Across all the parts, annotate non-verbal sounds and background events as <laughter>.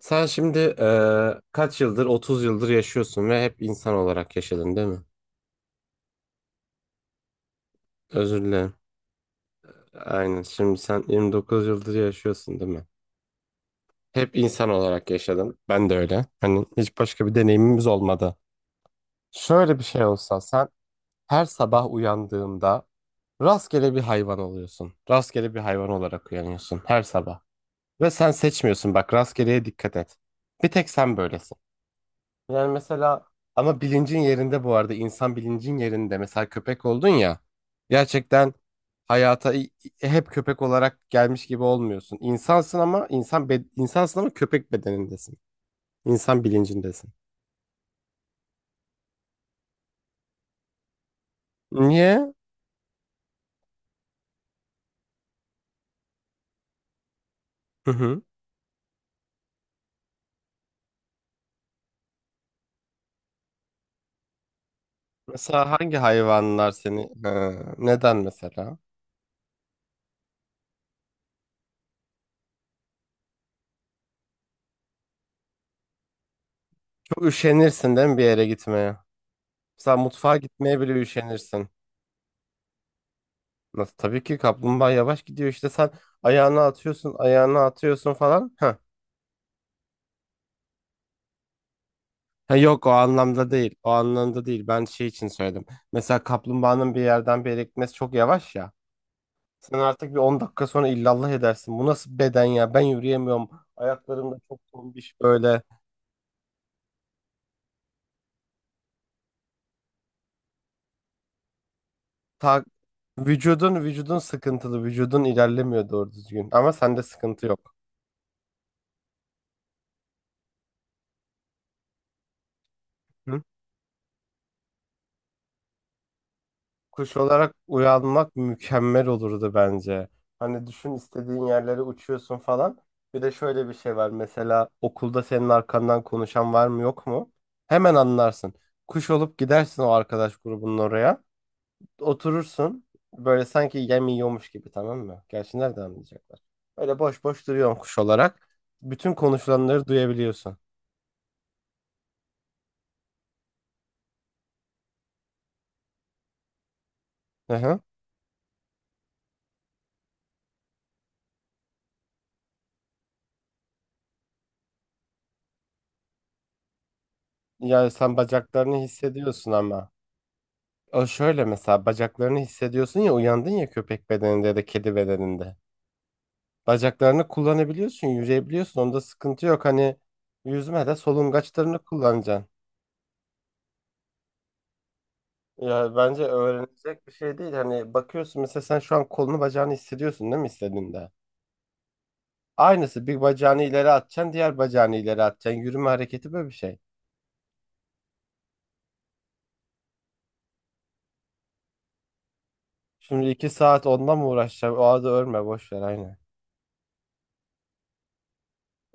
Sen şimdi kaç yıldır, 30 yıldır yaşıyorsun ve hep insan olarak yaşadın, değil mi? Özür dilerim. Aynen. Şimdi sen 29 yıldır yaşıyorsun, değil mi? Hep insan olarak yaşadın. Ben de öyle. Hani hiç başka bir deneyimimiz olmadı. Şöyle bir şey olsa sen her sabah uyandığında rastgele bir hayvan oluyorsun. Rastgele bir hayvan olarak uyanıyorsun her sabah. Ve sen seçmiyorsun, bak, rastgeleye dikkat et. Bir tek sen böylesin. Yani mesela ama bilincin yerinde, bu arada insan bilincin yerinde, mesela köpek oldun ya, gerçekten hayata hep köpek olarak gelmiş gibi olmuyorsun. İnsansın ama insansın ama köpek bedenindesin. İnsan bilincindesin. Niye? Hı hı. Mesela hangi hayvanlar seni Ha, neden mesela? Çok üşenirsin değil mi bir yere gitmeye? Mesela mutfağa gitmeye bile üşenirsin. Nasıl? Tabii ki kaplumbağa yavaş gidiyor, işte sen ayağını atıyorsun, ayağını atıyorsun falan. Ha, yok, o anlamda değil. O anlamda değil. Ben şey için söyledim. Mesela kaplumbağanın bir yerden bir yere gitmesi çok yavaş ya. Sen artık bir 10 dakika sonra illallah edersin. Bu nasıl beden ya? Ben yürüyemiyorum. Ayaklarım da çok tombiş böyle. Ta vücudun vücudun sıkıntılı. Vücudun ilerlemiyor doğru düzgün. Ama sende sıkıntı yok. Hı? Kuş olarak uyanmak mükemmel olurdu bence. Hani düşün, istediğin yerlere uçuyorsun falan. Bir de şöyle bir şey var. Mesela okulda senin arkandan konuşan var mı yok mu? Hemen anlarsın. Kuş olup gidersin o arkadaş grubunun oraya. Oturursun. Böyle sanki yem yiyormuş gibi, tamam mı? Gerçi nereden anlayacaklar? Öyle boş boş duruyorsun kuş olarak. Bütün konuşulanları duyabiliyorsun. Hı hı. Yani sen bacaklarını hissediyorsun ama. O şöyle, mesela bacaklarını hissediyorsun ya, uyandın ya köpek bedeninde ya da kedi bedeninde. Bacaklarını kullanabiliyorsun, yürüyebiliyorsun. Onda sıkıntı yok. Hani yüzmede solungaçlarını kullanacaksın. Ya bence öğrenilecek bir şey değil. Hani bakıyorsun, mesela sen şu an kolunu bacağını hissediyorsun değil mi istediğinde? Aynısı, bir bacağını ileri atacaksın, diğer bacağını ileri atacaksın. Yürüme hareketi böyle bir şey. Şimdi 2 saat onunla mı uğraşacaksın? O adı örme, boş ver, aynen.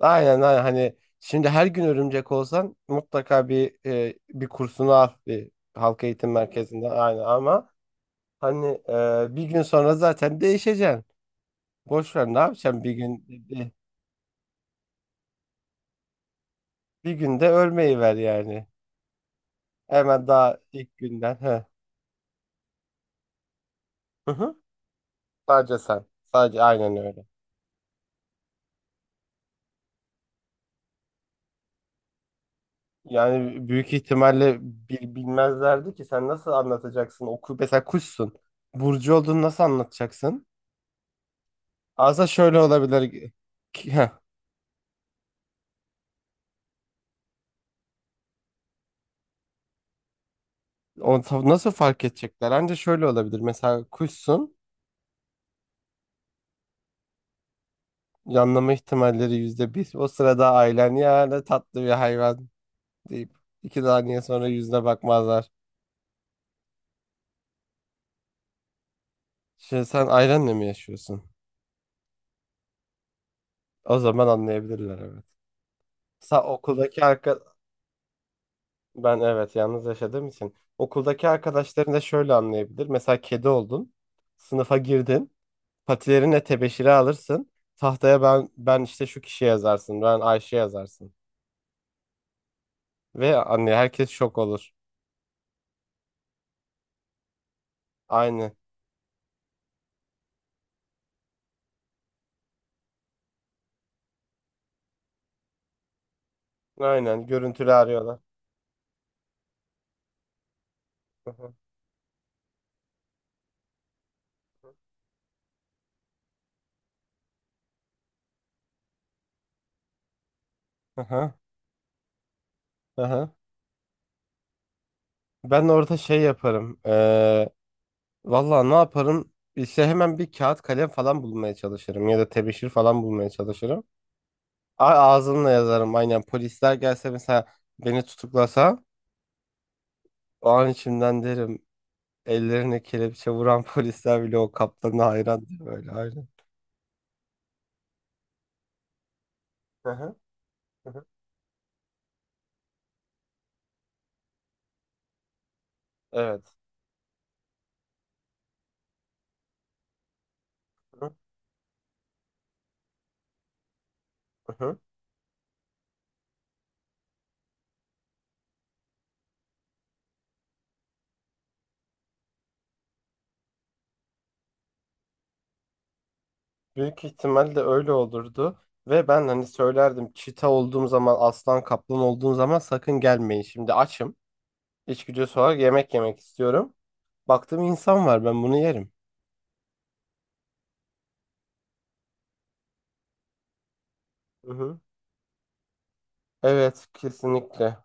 Aynen aynen, hani şimdi her gün örümcek olsan mutlaka bir bir kursunu al bir halk eğitim merkezinde, aynen, ama hani bir gün sonra zaten değişeceksin. Boş ver, ne yapacaksın, bir günde ölmeyi ver yani. Hemen daha ilk günden. He. Hı hı. Sadece sen. Sadece aynen öyle. Yani büyük ihtimalle bilmezlerdi ki, sen nasıl anlatacaksın? Oku, mesela kuşsun. Burcu olduğunu nasıl anlatacaksın? Aslında şöyle olabilir. Ki Heh. Nasıl fark edecekler? Anca şöyle olabilir. Mesela kuşsun. Yanlama ihtimalleri %1. O sırada ailen, ya ne tatlı bir hayvan, deyip 2 saniye sonra yüzüne bakmazlar. Şimdi sen ailenle mi yaşıyorsun? O zaman anlayabilirler, evet. Sa okuldaki arka... Ben evet, yalnız yaşadığım için. Okuldaki arkadaşların da şöyle anlayabilir. Mesela kedi oldun. Sınıfa girdin. Patilerinle tebeşiri alırsın. Tahtaya ben işte şu kişi yazarsın. Ben Ayşe yazarsın. Ve anne, herkes şok olur. Aynen. Aynen. Görüntülü arıyorlar. Hı hı. Hı hı. Hı hı. Ben orada şey yaparım. Vallahi ne yaparım? İşte hemen bir kağıt kalem falan bulmaya çalışırım. Ya da tebeşir falan bulmaya çalışırım. A, ağzımla yazarım. Aynen. Polisler gelse, mesela beni tutuklasa, o an içimden derim. Ellerine kelepçe vuran <laughs> polisler bile o kaptana hayran diye böyle. Aynen. Hı hı. Hı hı. Evet. Hı hı. Büyük ihtimalle öyle olurdu. Ve ben hani söylerdim, çita olduğum zaman, aslan kaplan olduğum zaman sakın gelmeyin. Şimdi açım. İçgüdüsü olarak yemek yemek istiyorum. Baktım insan var, ben bunu yerim. Hı hı. Evet kesinlikle.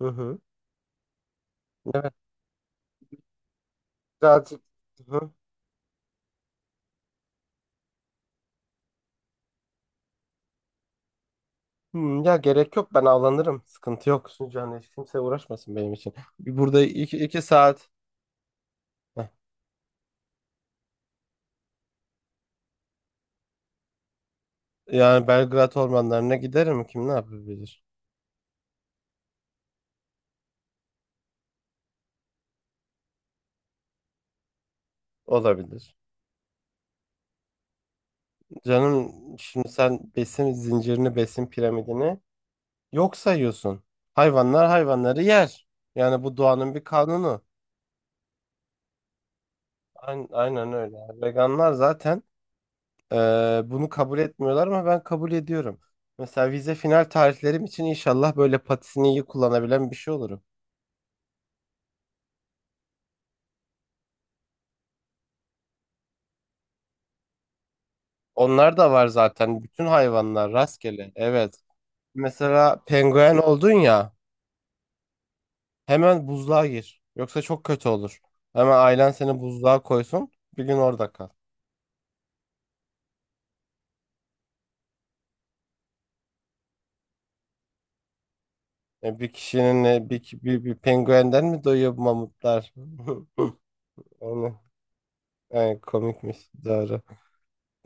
Hı hı. Evet, birazcık. Hı hı. Hmm, ya gerek yok, ben avlanırım. Sıkıntı yok. Sunucu, hani hiç kimse uğraşmasın benim için. Burada 2, 2 saat. Heh. Yani Belgrad ormanlarına giderim. Kim ne yapabilir? Olabilir. Canım, şimdi sen besin zincirini, besin piramidini yok sayıyorsun. Hayvanlar hayvanları yer. Yani bu doğanın bir kanunu. Aynen, aynen öyle. Veganlar zaten e, bunu kabul etmiyorlar ama ben kabul ediyorum. Mesela vize final tarihlerim için inşallah böyle patisini iyi kullanabilen bir şey olurum. Onlar da var zaten. Bütün hayvanlar rastgele. Evet. Mesela penguen oldun ya, hemen buzluğa gir. Yoksa çok kötü olur. Hemen ailen seni buzluğa koysun. Bir gün orada kal. Bir kişinin bir penguenden mi doyuyor bu mamutlar? <laughs> Onu, yani komikmiş, doğru.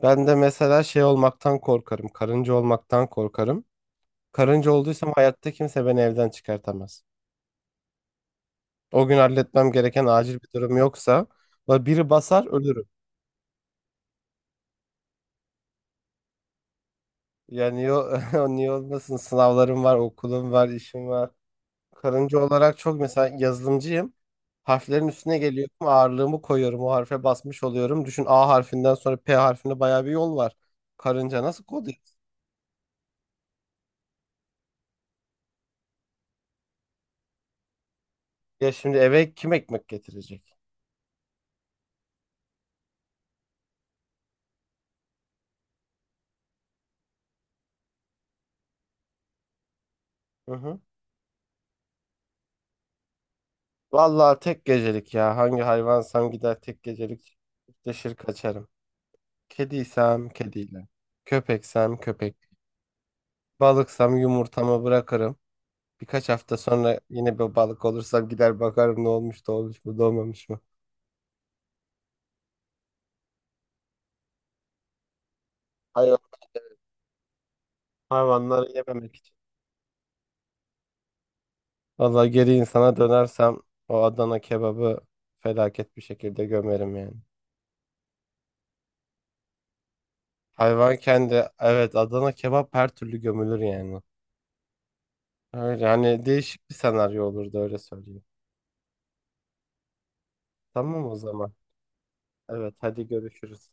Ben de mesela şey olmaktan korkarım. Karınca olmaktan korkarım. Karınca olduysam hayatta kimse beni evden çıkartamaz. O gün halletmem gereken acil bir durum yoksa la biri basar, ölürüm. Yani yo, <laughs> niye olmasın, sınavlarım var, okulum var, işim var. Karınca olarak, çok mesela yazılımcıyım. Harflerin üstüne geliyorum, ağırlığımı koyuyorum, o harfe basmış oluyorum. Düşün, A harfinden sonra P harfine bayağı bir yol var. Karınca nasıl kod yaz- Ya şimdi eve kim ekmek getirecek? Hı hı. Vallahi tek gecelik ya. Hangi hayvansam gider tek gecelik deşir kaçarım. Kediysem kediyle. Köpeksem köpek. Balıksam yumurtamı bırakırım. Birkaç hafta sonra yine bir balık olursam gider bakarım, ne olmuş da olmuş mu da olmamış mı. Hayvan, hayvanları yememek için. Valla geri insana dönersem o Adana kebabı felaket bir şekilde gömerim yani. Hayvan kendi, evet, Adana kebap her türlü gömülür yani. Öyle hani değişik bir senaryo olurdu, öyle söyleyeyim. Tamam o zaman. Evet, hadi görüşürüz.